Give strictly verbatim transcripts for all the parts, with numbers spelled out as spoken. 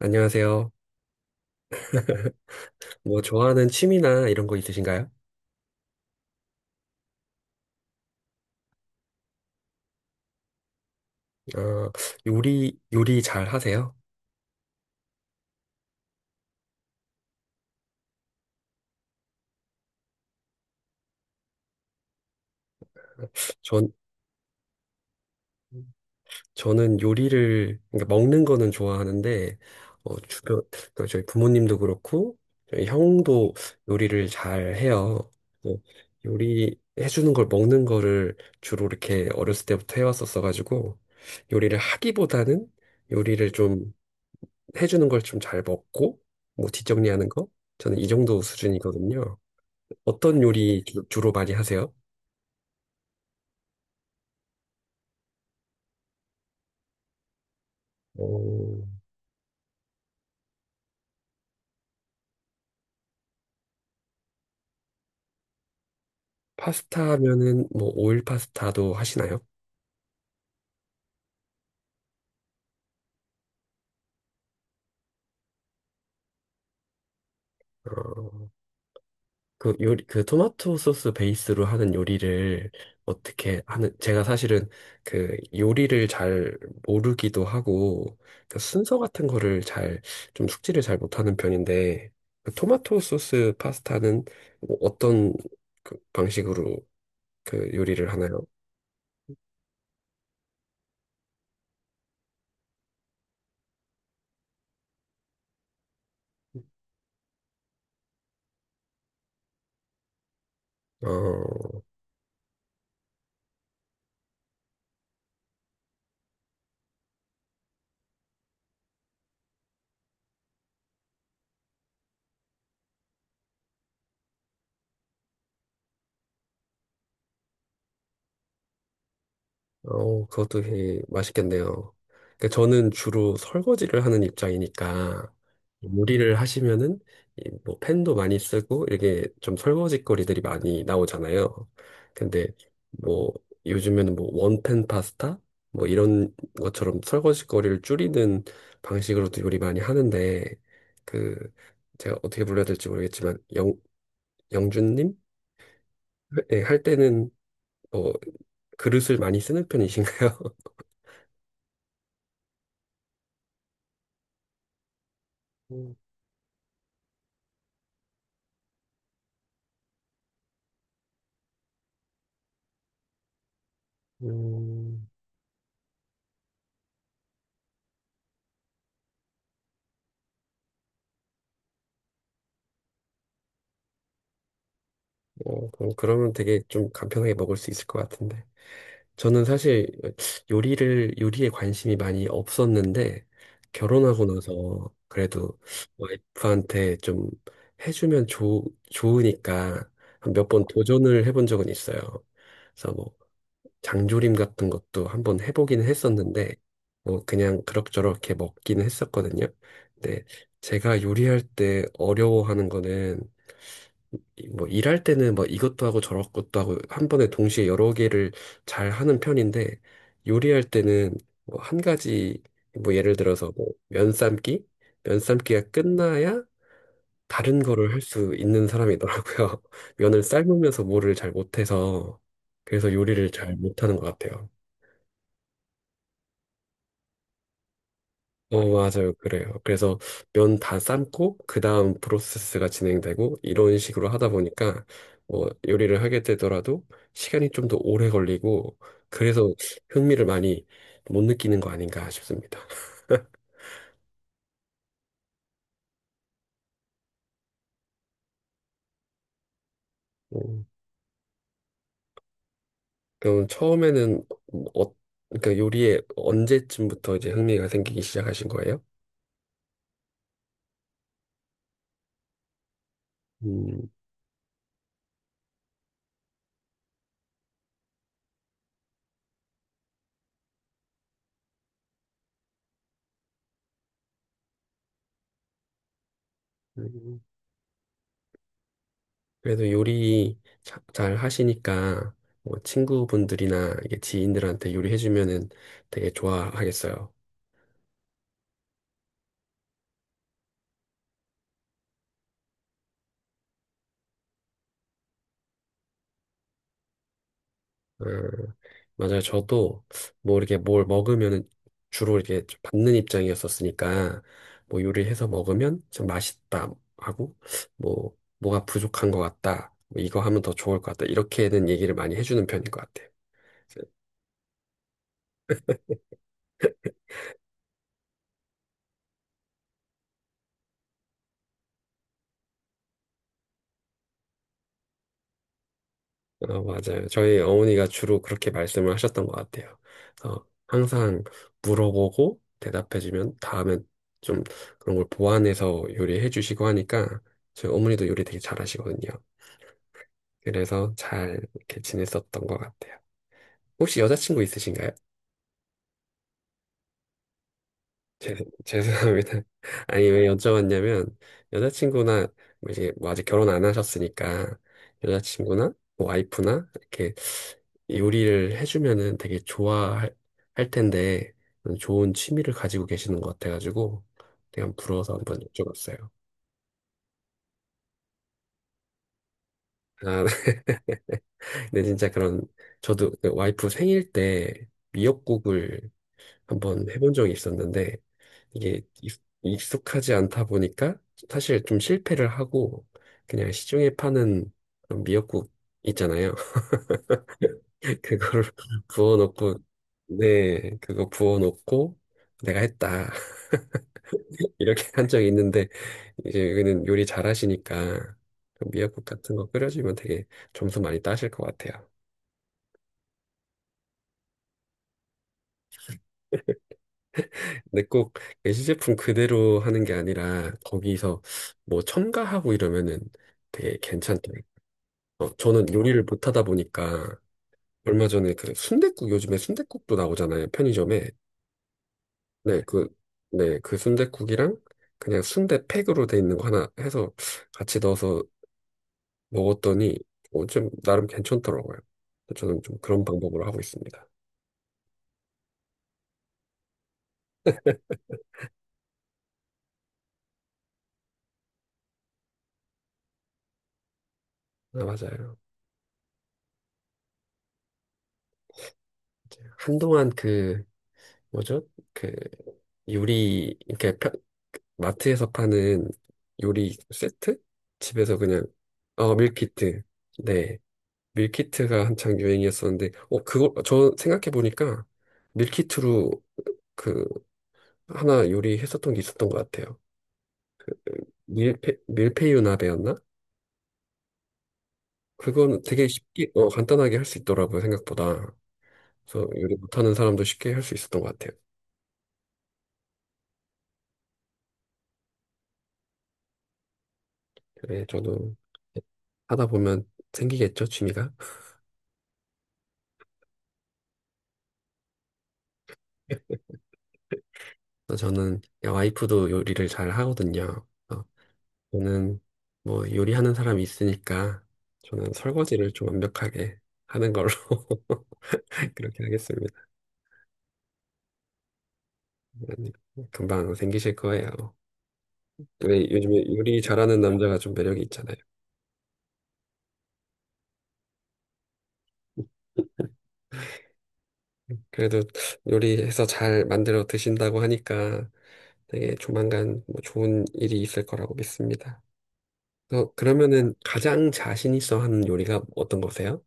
안녕하세요. 뭐 좋아하는 취미나 이런 거 있으신가요? 아, 요리 요리 잘 하세요? 전 저는 요리를 그러니까 먹는 거는 좋아하는데 어, 주변 그러니까 저희 부모님도 그렇고 저희 형도 요리를 잘 해요. 어, 요리 해주는 걸 먹는 거를 주로 이렇게 어렸을 때부터 해왔었어 가지고 요리를 하기보다는 요리를 좀 해주는 걸 좀 잘 먹고 뭐 뒷정리하는 거 저는 이 정도 수준이거든요. 어떤 요리 주- 주로 많이 하세요? 어, 파스타면은 뭐 오일 파스타도 하시나요? 어, 그 요리 그 토마토 소스 베이스로 하는 요리를 어떻게 하는 제가 사실은 그 요리를 잘 모르기도 하고 그 순서 같은 거를 잘 좀 숙지를 잘 못하는 편인데 그 토마토 소스 파스타는 뭐 어떤 그 방식으로 그 요리를 하나요? 어, 어, 그것도 되게 맛있겠네요. 그러니까 저는 주로 설거지를 하는 입장이니까 요리를 하시면은 이뭐 팬도 많이 쓰고 이렇게 좀 설거지거리들이 많이 나오잖아요. 근데 뭐 요즘에는 뭐 원팬 파스타 뭐 이런 것처럼 설거지거리를 줄이는 방식으로도 요리 많이 하는데 그 제가 어떻게 불러야 될지 모르겠지만 영 영준님? 네, 할 때는 뭐 그릇을 많이 쓰는 편이신가요? 음, 어, 그럼 그러면 되게 좀 간편하게 먹을 수 있을 것 같은데. 저는 사실 요리를, 요리에 관심이 많이 없었는데, 결혼하고 나서 그래도 와이프한테 좀 해주면 좋, 좋으니까 몇 번 도전을 해본 적은 있어요. 그래서 뭐, 장조림 같은 것도 한번 해보긴 했었는데, 뭐, 그냥 그럭저럭 이렇게 먹긴 했었거든요. 근데 제가 요리할 때 어려워하는 거는 이- 뭐 일할 때는 뭐 이것도 하고 저것도 하고 한 번에 동시에 여러 개를 잘 하는 편인데 요리할 때는 뭐 한 가지 뭐 예를 들어서 뭐 면삶기 면삶기가 끝나야 다른 거를 할 수 있는 사람이더라고요. 면을 삶으면서 뭐를 잘 못해서 그래서 요리를 잘 못하는 것 같아요. 어, 맞아요. 그래요. 그래서 면 다 삶고, 그 다음 프로세스가 진행되고, 이런 식으로 하다 보니까, 뭐, 요리를 하게 되더라도 시간이 좀 더 오래 걸리고, 그래서 흥미를 많이 못 느끼는 거 아닌가 싶습니다. 음, 그럼 처음에는, 어, 그러니까 요리에 언제쯤부터 이제 흥미가 생기기 시작하신 거예요? 음, 음. 그래도 요리 자- 잘 하시니까, 뭐 친구분들이나 이게 지인들한테 요리해주면은 되게 좋아하겠어요. 음, 맞아요. 저도 뭐 이렇게 뭘 먹으면 주로 이렇게 좀 받는 입장이었었으니까 뭐 요리해서 먹으면 참 맛있다 하고 뭐 뭐가 부족한 것 같다. 뭐 이거 하면 더 좋을 것 같다. 이렇게는 얘기를 많이 해주는 편인 것 같아요. 어, 맞아요. 저희 어머니가 주로 그렇게 말씀을 하셨던 것 같아요. 그래서 항상 물어보고 대답해주면 다음엔 좀 그런 걸 보완해서 요리해 주시고 하니까 저희 어머니도 요리 되게 잘하시거든요. 그래서 잘 이렇게 지냈었던 것 같아요. 혹시 여자친구 있으신가요? 죄 죄송합니다. 아니, 왜 여쭤봤냐면, 여자친구나, 뭐 이제 뭐 아직 결혼 안 하셨으니까, 여자친구나, 뭐 와이프나, 이렇게 요리를 해주면은 되게 좋아할 할 텐데, 좋은 취미를 가지고 계시는 것 같아가지고, 되게 한번 부러워서 한번 여쭤봤어요. 아, 근데 진짜 그런, 저도 그 와이프 생일 때 미역국을 한번 해본 적이 있었는데, 이게 익- 익숙하지 않다 보니까 사실 좀 실패를 하고 그냥 시중에 파는 그런 미역국 있잖아요. 그거를 부어놓고 네 그거 부어놓고 내가 했다 이렇게 한 적이 있는데 이제 여기는 요리 잘하시니까 그 미역국 같은 거 끓여주면 되게 점수 많이 따실 것 같아요. 근데 꼭 예시제품 그대로 하는 게 아니라 거기서 뭐 첨가하고 이러면은 되게 괜찮더라고요. 어, 저는 요리를 못하다 보니까 얼마 전에 그 순댓국 요즘에 순댓국도 나오잖아요 편의점에 네 그 네 그 순댓국이랑 그냥 순대팩으로 돼 있는 거 하나 해서 같이 넣어서 먹었더니 어, 좀 나름 괜찮더라고요. 저는 좀 그런 방법으로 하고 있습니다. 아 맞아요. 이제 한동안 그 뭐죠 그 요리 이렇게 편- 마트에서 파는 요리 세트 집에서 그냥 어 밀키트 네 밀키트가 한창 유행이었었는데, 어, 그거, 저 생각해보니까 밀키트로 그 하나 요리했었던 게 있었던 것 같아요. 밀페, 밀푀유 나베였나? 그건 되게 쉽게, 어, 간단하게 할 수 있더라고요, 생각보다. 그래서 요리 못하는 사람도 쉽게 할 수 있었던 것 같아요. 그래, 저도 하다 보면 생기겠죠, 취미가? 그래서 저는, 야, 와이프도 요리를 잘 하거든요. 그래서 저는 뭐 요리하는 사람이 있으니까 저는 설거지를 좀 완벽하게 하는 걸로. 그렇게 하겠습니다. 그러니까 금방 생기실 거예요. 왜 요즘에 요리 잘하는 남자가 좀 매력이 있잖아요. 그래도 요리해서 잘 만들어 드신다고 하니까 되게 조만간 뭐 좋은 일이 있을 거라고 믿습니다. 어, 그러면은 가장 자신 있어 하는 요리가 어떤 거세요?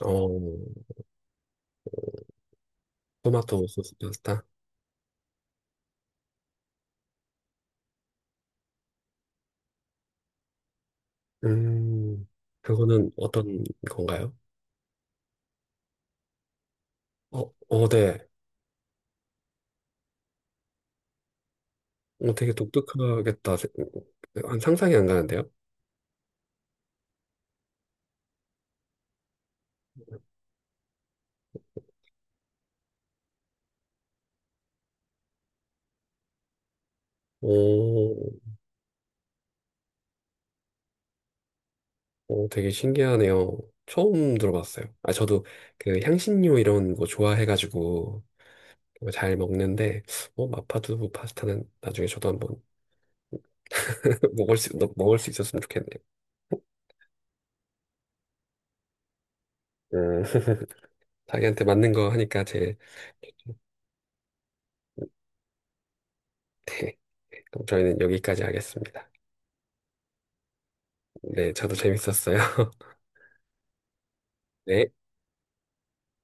어, 토마토 소스 파스타. 음, 그거는 어떤 건가요? 어, 어, 네. 어, 되게 독특하겠다. 세- 안- 상상이 안 가는데요? 오, 오, 되게 신기하네요. 처음 들어봤어요. 아, 저도 그 향신료 이런 거 좋아해가지고 잘 먹는데, 어, 마파두부 파스타는 나중에 저도 한번 먹을 수, 먹을 수 있었으면 좋겠네요. 음, 자기한테 맞는 거 하니까 제, 네. 그럼 저희는 여기까지 하겠습니다. 네, 저도 재밌었어요. 네.